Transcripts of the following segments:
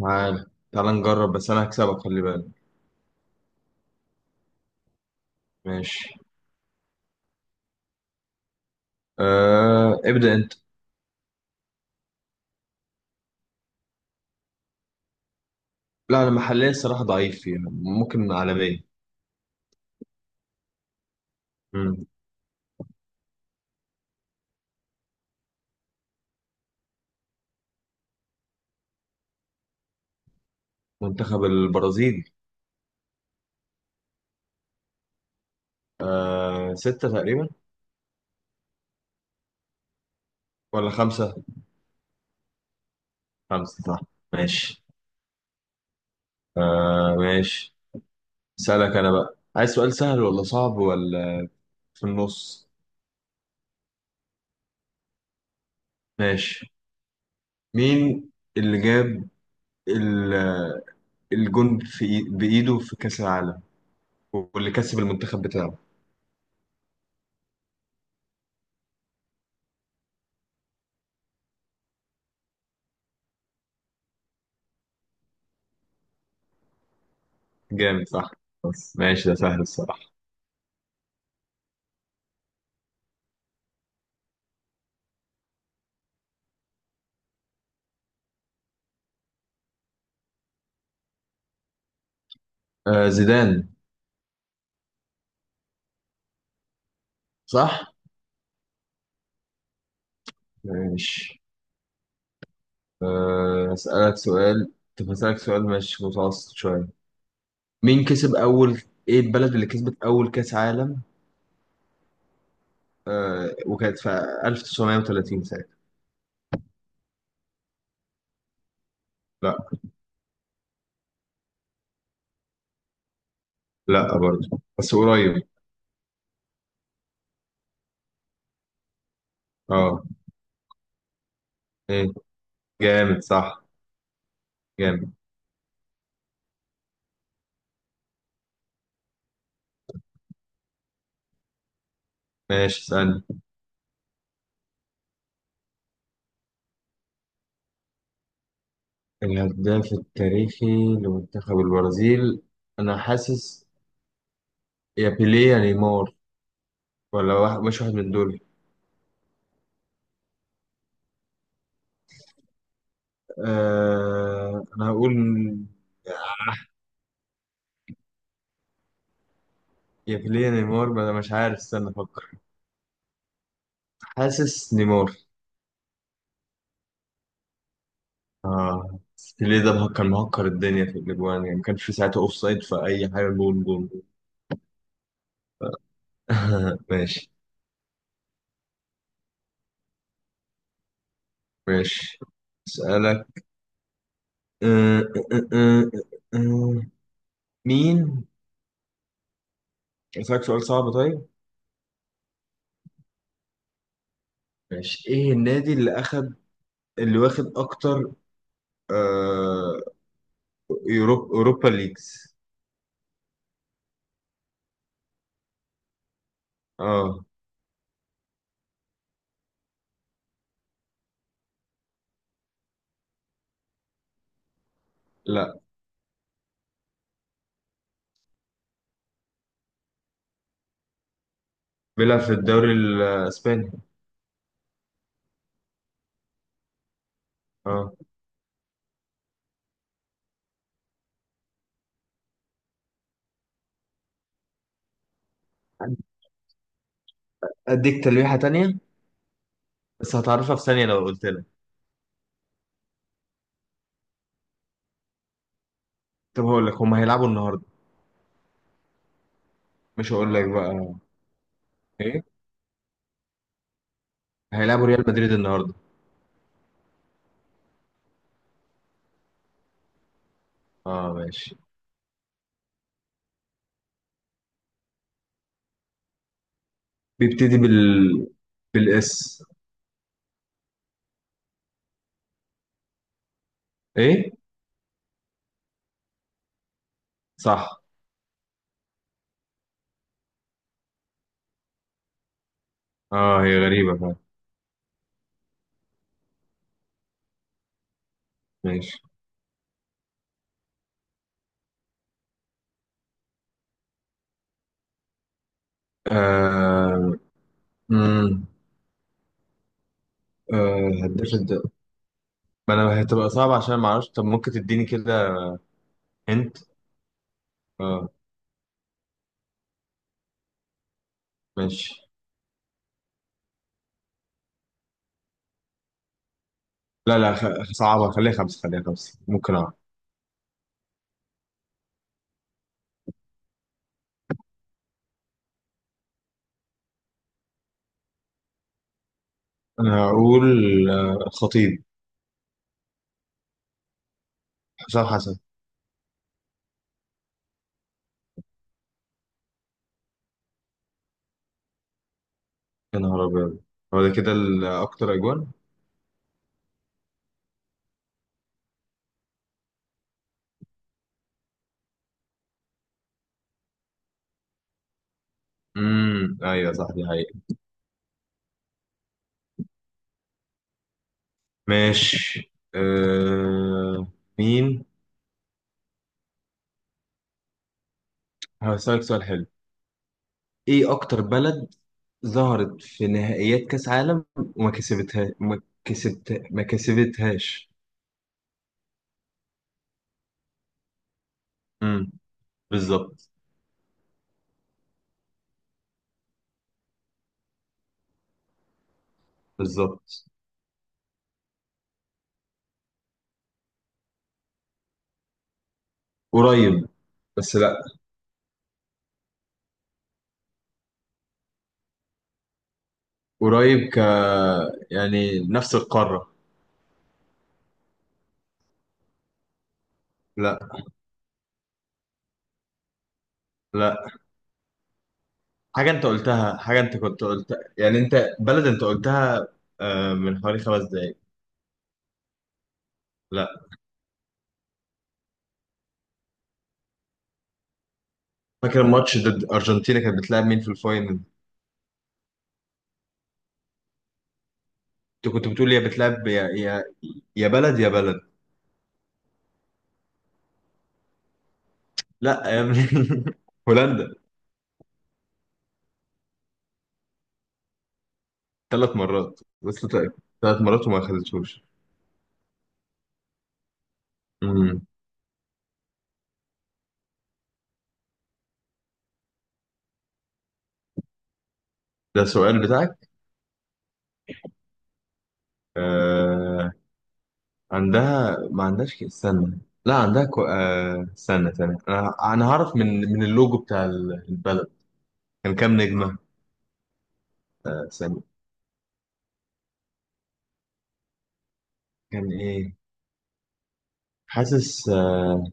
تعال تعال نجرب، بس انا هكسبك خلي بالك. ماشي. ابدأ انت. لا، انا محليا الصراحة ضعيف فيها، ممكن عالميا. مم. منتخب البرازيل. ستة تقريبا، ولا خمسة. خمسة صح. ماشي. ماشي. سألك انا بقى، عايز سؤال سهل ولا صعب ولا في النص؟ ماشي. مين اللي جاب ال- الجون بإيده في كأس العالم، واللي كسب المنتخب بتاعه؟ جامد صح، بس ماشي ده سهل الصراحة. زيدان، صح؟ ماشي. هسألك سؤال، طب هسألك سؤال مش متوسط شوية. مين كسب أول إيه البلد اللي كسبت أول كأس عالم، وكانت في 1930 ساعتها؟ لا. لا برضه، بس قريب. اه ايه. جامد صح. جامد. ماشي اسألني. الهداف التاريخي لمنتخب البرازيل؟ أنا حاسس يا بيليه يا نيمار، ولا واحد مش واحد من دول. أنا هقول يا بيليه يا نيمار، ما انا مش عارف، استنى افكر. حاسس نيمار. اه بس بيليه ده مهكر مهكر الدنيا في الاجوان، يعني ما كانش في ساعتها اوف سايد في اي حاجه، جول جول جول. ماشي. ماشي اسالك. أه، أه، أه، أه، آه، مين. اسالك سؤال صعب طيب. ماشي. ايه النادي اللي واخد اكتر آه... اوروبا ليجز؟ اه. لا، بيلعب في الدوري الاسباني. اه. اديك تلويحه تانية، بس هتعرفها في ثانيه لو قلت. طب هقول لك، هم هيلعبوا النهارده. مش هقول لك بقى ايه. هيلعبوا ريال مدريد النهارده. اه ماشي. بيبتدي بالاس. ايه. صح. اه هي غريبه فعلا. ماشي. آه... امم آه... هداف الد- ما انا هتبقى صعبه عشان ما اعرفش، طب ممكن تديني كده انت؟ اه ماشي. لا لا خ... صعبه، خليها خمسه، خليها خمسه ممكن اعرف. انا هقول خطيب. حسام حسن. يا نهار ابيض. هو ده كده اكتر اجوان؟ ايوه صح دي حقيقة. ماشي مين. هسألك سؤال حلو. ايه اكتر بلد ظهرت في نهائيات كاس عالم وما كسبتها ما كسبت ما كسبتهاش؟ امم بالظبط. بالظبط. قريب بس لا. قريب ك يعني نفس القارة. لا. لا. حاجة انت قلتها، حاجة انت كنت قلتها، يعني انت بلد انت قلتها من حوالي خمس دقايق. لا. فاكر الماتش ضد ارجنتينا، كانت بتلعب مين في الفاينل؟ انت كنت بتقول يا بلد يا بلد. لا يا ابني. هولندا. ثلاث مرات بس. ثلاث مرات وما خدتهوش. امم. ده السؤال بتاعك؟ آه... عندها ما عندهاش استنى. لا عندها استنى ثانية، انا هعرف من من اللوجو بتاع البلد. كان كام نجمة. استنى. كان ايه. حاسس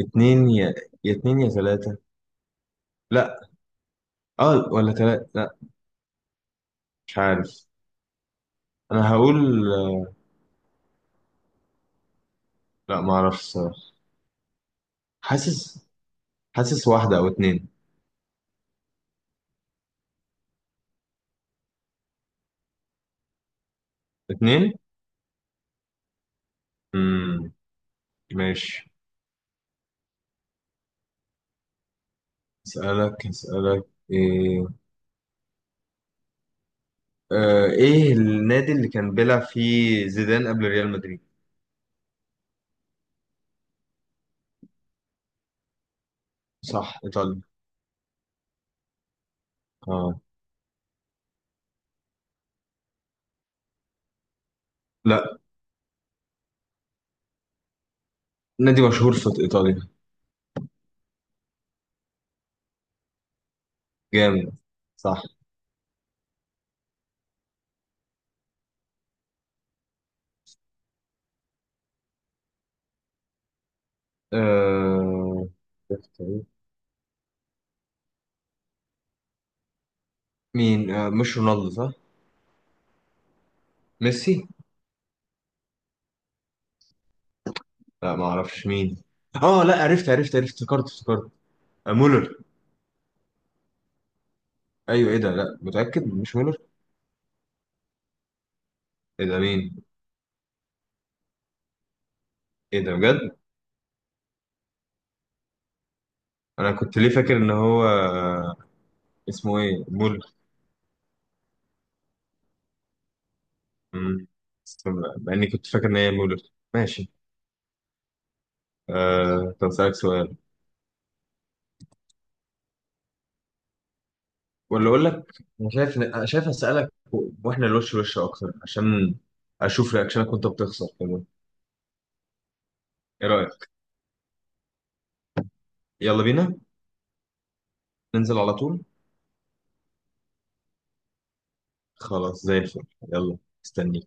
اتنين، يا يا اتنين يا ثلاثة. لا. اه ولا ثلاثة، لا. مش عارف. انا هقول لا ما اعرفش. حاسس. حاسس واحدة أو اتنين. اتنين؟ مم. ماشي. اسألك ايه. آه ايه النادي اللي كان بيلعب فيه زيدان قبل ريال مدريد؟ صح ايطاليا. اه. لا، نادي مشهور في ايطاليا. جامد، صح. آه مين. آه مش رونالدو صح؟ ميسي؟ لا، ما اعرفش مين. اه لا عرفت عرفت عرفت، افتكرت افتكرت. آه مولر. ايوه ايه ده، لا متأكد مش مولر؟ ايه ده مين؟ ايه ده بجد؟ انا كنت ليه فاكر ان هو اسمه ايه، مولر. مم. مع اني كنت فاكر ان هي مولر. ماشي. طب اسالك سؤال، ولا اقول لك. انا شايف، انا شايف اسالك واحنا وش اكتر، عشان اشوف رياكشنك وانت بتخسر كمان. ايه رايك. يلا بينا. ننزل على طول. خلاص زي الفل. يلا. استني